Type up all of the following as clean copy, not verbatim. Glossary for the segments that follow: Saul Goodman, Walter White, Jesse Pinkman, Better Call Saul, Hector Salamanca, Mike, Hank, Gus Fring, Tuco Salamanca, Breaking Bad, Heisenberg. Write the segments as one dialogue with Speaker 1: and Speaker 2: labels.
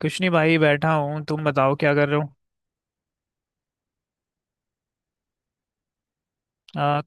Speaker 1: कुछ नहीं भाई, बैठा हूँ। तुम बताओ क्या कर रहे हो? आ,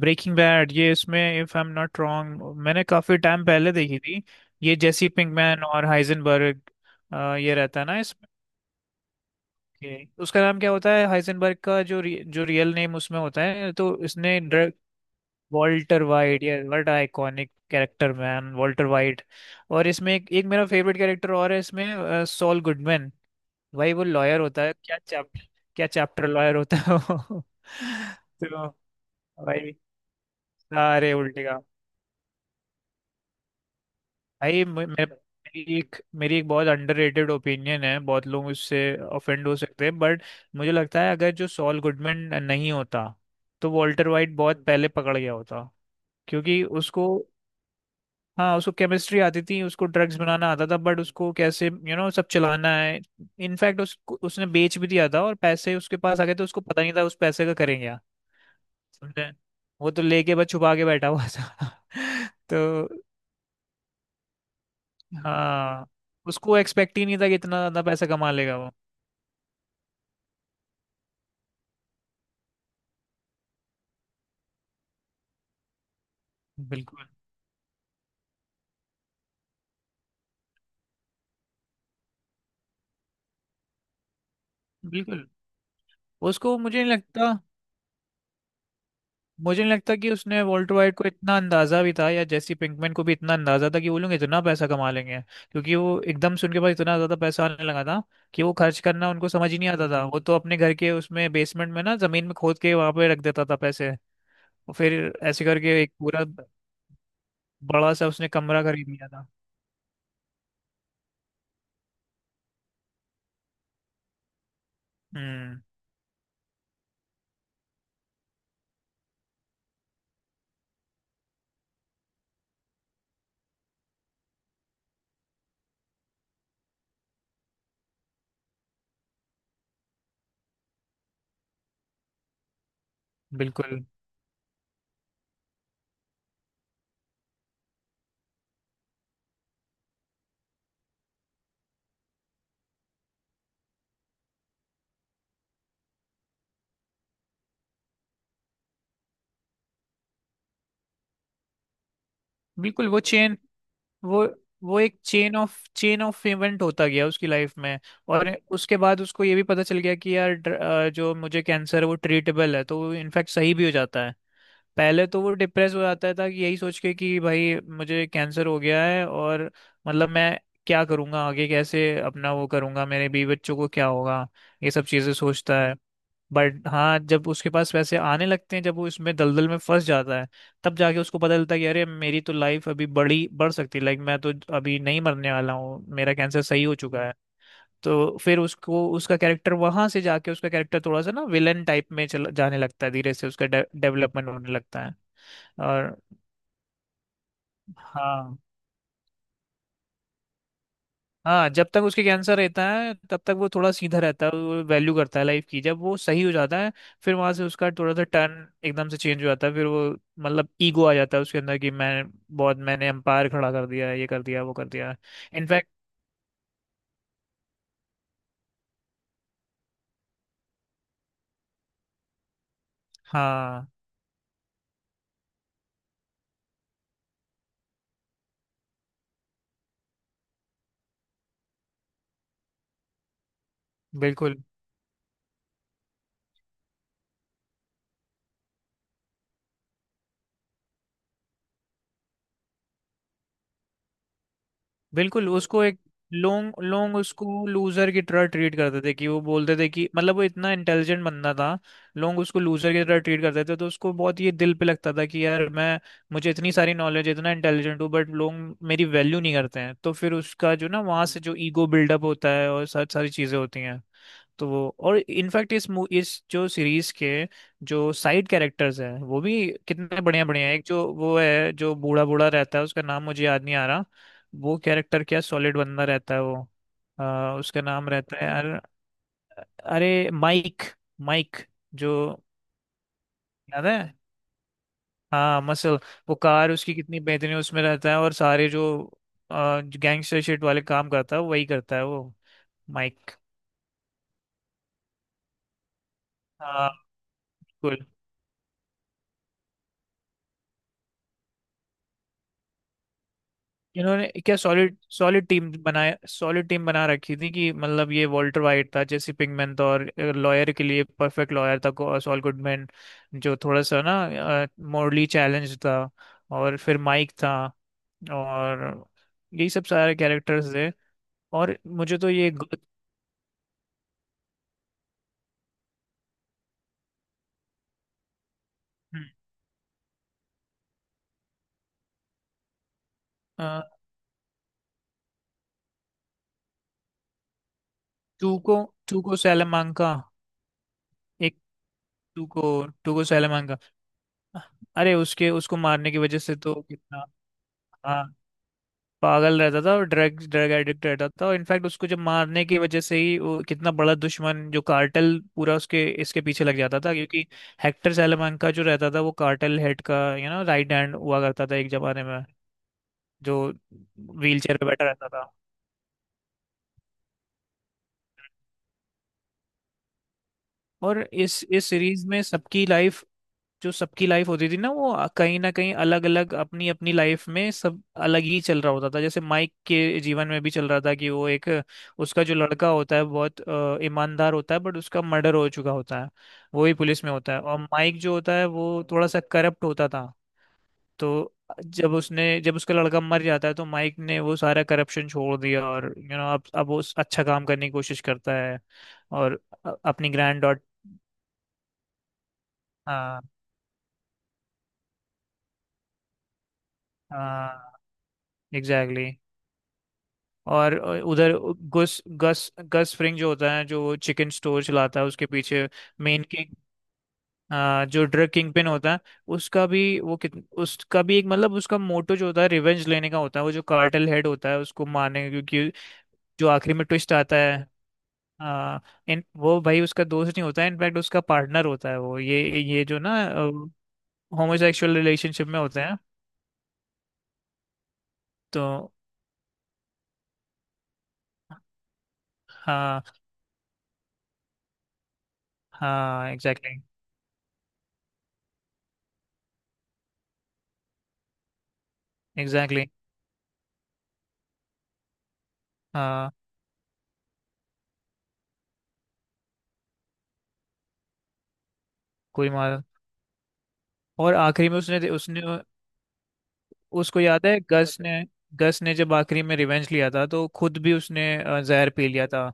Speaker 1: ब्रेकिंग बैड ये इसमें, if I am not wrong, मैंने काफी टाइम पहले देखी थी। ये जेसी पिंकमैन और हाइजेनबर्ग, ये रहता है ना इसमें। उसका नाम क्या होता है हाइजेनबर्ग का, जो रियल नेम उसमें होता है, तो इसने वॉल्टर वाइट, यार what iconic character man, Walter White. और इसमें एक मेरा फेवरेट कैरेक्टर और है इसमें, सॉल गुडमैन। भाई वो लॉयर होता है, क्या चैप्टर, क्या चैप्टर लॉयर होता है वो। तो भाई सारे उल्टे काम। भाई मे- मे- मेरी एक मेरी एक बहुत अंडररेटेड ओपिनियन है, बहुत लोग उससे ऑफेंड हो सकते हैं, बट मुझे लगता है अगर जो सॉल गुडमैन नहीं होता तो वॉल्टर वाइट बहुत पहले पकड़ गया होता, क्योंकि उसको, हाँ, उसको केमिस्ट्री आती थी, उसको ड्रग्स बनाना आता था, बट उसको कैसे यू नो सब चलाना है। इनफैक्ट उस उसने बेच भी दिया था और पैसे उसके पास आ गए, तो उसको पता नहीं था उस पैसे का करेंगे क्या। समझे? वो तो लेके बस छुपा के बैठा हुआ था। तो हाँ, उसको एक्सपेक्ट ही नहीं था कि इतना ज्यादा पैसा कमा लेगा वो। बिल्कुल, बिल्कुल। उसको मुझे नहीं लगता कि उसने वॉल्टर वाइट को इतना अंदाजा भी था, या जेसी पिंकमैन को भी इतना अंदाजा था, कि वो लोग इतना पैसा कमा लेंगे। क्योंकि वो एकदम से उनके पास इतना ज्यादा पैसा आने लगा था कि वो खर्च करना उनको समझ ही नहीं आता था। वो तो अपने घर के उसमें बेसमेंट में ना, जमीन में खोद के वहां पे रख देता था पैसे। और फिर ऐसे करके एक पूरा बड़ा सा उसने कमरा खरीद लिया था। हम्म। बिल्कुल, बिल्कुल। वो वो एक चेन ऑफ इवेंट होता गया उसकी लाइफ में। और उसके बाद उसको ये भी पता चल गया कि यार, जो मुझे कैंसर है वो ट्रीटेबल है, तो वो इनफैक्ट सही भी हो जाता है। पहले तो वो डिप्रेस हो जाता था, कि यही सोच के कि भाई मुझे कैंसर हो गया है, और, मतलब, मैं क्या करूंगा आगे, कैसे अपना वो करूंगा, मेरे बीवी बच्चों को क्या होगा, ये सब चीजें सोचता है। बट हाँ, जब उसके पास पैसे आने लगते हैं, जब वो इसमें दलदल में फंस जाता है, तब जाके उसको पता चलता है कि अरे, मेरी तो लाइफ अभी बड़ी बढ़ सकती है, लाइक मैं तो अभी नहीं मरने वाला हूँ, मेरा कैंसर सही हो चुका है। तो फिर उसको उसका कैरेक्टर, वहां से जाके उसका कैरेक्टर थोड़ा सा ना विलन टाइप में चल जाने लगता है, धीरे से उसका डेवलपमेंट होने लगता है। और हाँ, हाँ, जब तक उसके कैंसर रहता है तब तक वो थोड़ा सीधा रहता है, वो वैल्यू करता है लाइफ की, जब वो सही हो जाता है फिर वहां से उसका थोड़ा सा टर्न एकदम से चेंज हो जाता है। फिर वो, मतलब, ईगो आ जाता है उसके अंदर, कि मैं, बहुत मैंने एम्पायर खड़ा कर दिया है, ये कर दिया, वो कर दिया। इनफैक्ट। हाँ, बिल्कुल, बिल्कुल। उसको एक, लोग लोग उसको लूजर की तरह ट्रीट करते थे, कि वो बोलते थे कि, मतलब, वो इतना इंटेलिजेंट बंदा था, लोग उसको लूजर की तरह ट्रीट करते थे, तो उसको बहुत ये दिल पे लगता था कि, यार, मैं, मुझे इतनी सारी नॉलेज, इतना इंटेलिजेंट हूँ, बट लोग मेरी वैल्यू नहीं करते हैं, तो फिर उसका जो ना वहाँ से जो ईगो बिल्डअप होता है, और सारी सारी चीज़ें होती हैं। तो वो, और इनफैक्ट, इस जो सीरीज के जो साइड कैरेक्टर्स हैं वो भी कितने बढ़िया बढ़िया हैं। एक जो वो है, जो बूढ़ा बूढ़ा रहता है, उसका नाम मुझे याद नहीं आ रहा। वो कैरेक्टर क्या सॉलिड बंदा रहता है वो। उसका नाम रहता है यार। अरे, माइक। माइक। जो याद है? हाँ, मसल। वो कार उसकी कितनी बेहतरीन है, उसमें रहता है, और सारे जो गैंगस्टर शिट वाले काम करता है, वही करता है वो। माइक। हाँ, बिल्कुल। इन्होंने क्या सॉलिड सॉलिड टीम बनाया, सॉलिड टीम बना रखी थी, कि मतलब, ये वॉल्टर वाइट था, जेसी पिंकमैन था, और लॉयर के लिए परफेक्ट लॉयर था, सॉल गुडमैन, जो थोड़ा सा ना मॉरली चैलेंज था। और फिर माइक था। और यही सब सारे कैरेक्टर्स थे। और मुझे तो ये। हम्म। अ, टूको, टूको सैलामांका। एक। टूको, टूको सैलामांका। अरे उसके उसको मारने की वजह से तो कितना, हाँ, पागल रहता था, और ड्रग ड्रग एडिक्ट रहता था, और इनफैक्ट उसको जब मारने की वजह से ही वो कितना बड़ा दुश्मन, जो कार्टेल पूरा उसके इसके पीछे लग जाता था, क्योंकि हेक्टर salamanca जो रहता था, वो कार्टेल हेड का यू नो राइट हैंड हुआ करता था, एक जमाने में, जो व्हील चेयर पे बैठा रहता था। और इस सीरीज में सबकी लाइफ, जो सबकी लाइफ होती थी ना, वो कहीं ना कहीं अलग अलग अपनी अपनी लाइफ में सब अलग ही चल रहा होता था। जैसे माइक के जीवन में भी चल रहा था कि वो एक, उसका जो लड़का होता है बहुत ईमानदार होता है, बट उसका मर्डर हो चुका होता है, वो ही पुलिस में होता है, और माइक जो होता है, वो थोड़ा सा करप्ट होता था। तो जब उसका लड़का मर जाता है, तो माइक ने वो सारा करप्शन छोड़ दिया, और यू you नो know, अब वो अच्छा काम करने की कोशिश करता है, और अपनी ग्रैंड डॉट। हाँ, हाँ, एग्जैक्टली। और उधर गस गस गस फ्रिंग जो होता है, जो चिकन स्टोर चलाता है उसके पीछे, मेन किंग, हाँ, जो ड्रग किंग पिन होता है। उसका भी एक, मतलब, उसका मोटो जो होता है, रिवेंज लेने का होता है, वो जो कार्टेल हेड होता है उसको मारने का, क्योंकि जो आखिरी में ट्विस्ट आता है, आ, इन वो, भाई, उसका दोस्त नहीं होता है, इनफैक्ट उसका पार्टनर होता है वो, ये जो ना होमोसेक्सुअल रिलेशनशिप में होते हैं, तो हाँ, हाँ, एग्जैक्टली, एग्जैक्टली। हाँ, कोई मार, और आखिरी में उसने, उसने उसको, याद है, गस ने जब आखिरी में रिवेंज लिया था, तो खुद भी उसने जहर पी लिया था,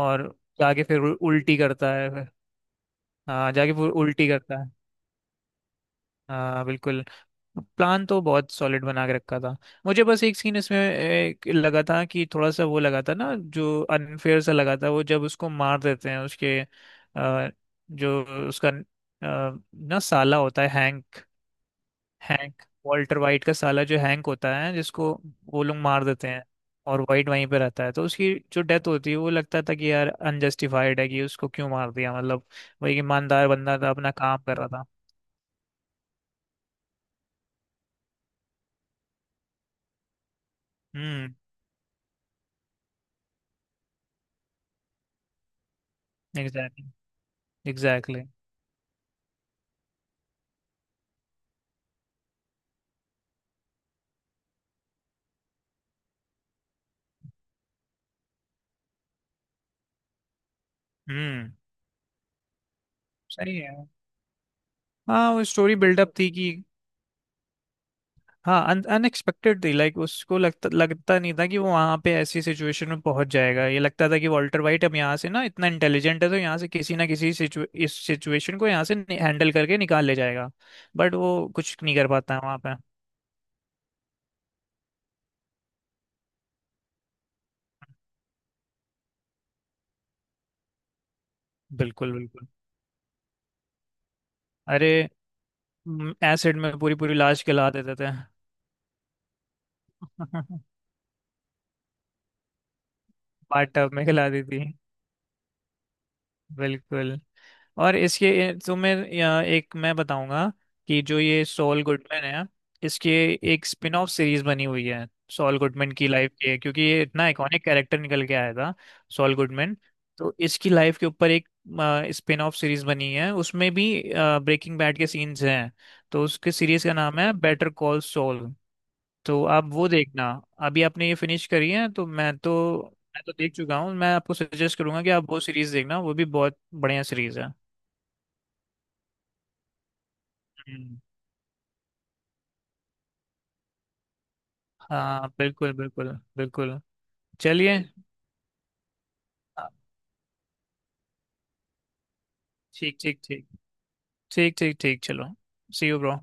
Speaker 1: और जाके फिर उल्टी करता है फिर। हाँ, जाके फिर उल्टी करता है। हाँ, बिल्कुल। प्लान तो बहुत सॉलिड बना के रखा था। मुझे बस एक सीन इसमें एक लगा था, कि थोड़ा सा वो लगा था ना, जो अनफेयर सा लगा था, वो जब उसको मार देते हैं, उसके जो उसका ना साला होता है, हैंक। हैंक, वॉल्टर वाइट का साला जो हैंक होता है, जिसको वो लोग मार देते हैं, और वाइट वहीं पे रहता है, तो उसकी जो डेथ होती है वो लगता था कि, यार, अनजस्टिफाइड है, कि उसको क्यों मार दिया, मतलब वो एक ईमानदार बंदा था, अपना काम कर रहा था। हम्म। Exactly, exactly. हम्म। सही है। हाँ, वो स्टोरी बिल्डअप थी, कि, हाँ, अनएक्सपेक्टेड थी, लाइक उसको लगता लगता नहीं था कि वो वहां पे ऐसी सिचुएशन में पहुंच जाएगा, ये लगता था कि वॉल्टर वाइट अब, यहाँ से ना इतना इंटेलिजेंट है, तो यहाँ से किसी ना किसी इस सिचुएशन को यहाँ से हैंडल करके निकाल ले जाएगा, बट वो कुछ नहीं कर पाता है वहां पे। बिल्कुल, बिल्कुल। अरे एसिड में पूरी पूरी लाश गला देते थे। बाथ टब में गला दी थी। बिल्कुल। और इसके तुम्हें या एक मैं बताऊंगा कि जो ये सॉल गुडमैन है, इसके एक स्पिन ऑफ सीरीज बनी हुई है, सॉल गुडमैन की लाइफ के, क्योंकि ये इतना आइकॉनिक कैरेक्टर निकल के आया था। Saul Goodman. तो इसकी लाइफ के ऊपर एक स्पिन ऑफ सीरीज बनी है, उसमें भी ब्रेकिंग बैड के सीन्स हैं, तो उसके सीरीज का नाम है, बेटर कॉल सॉल। तो आप वो देखना। अभी आपने ये फिनिश करी है, तो मैं तो देख चुका हूँ, मैं आपको सजेस्ट करूंगा कि आप वो सीरीज देखना, वो भी बहुत बढ़िया सीरीज है। हाँ, बिल्कुल, बिल्कुल, बिल्कुल। चलिए। ठीक, ठीक, ठीक, ठीक, ठीक, ठीक, चलो। See you bro.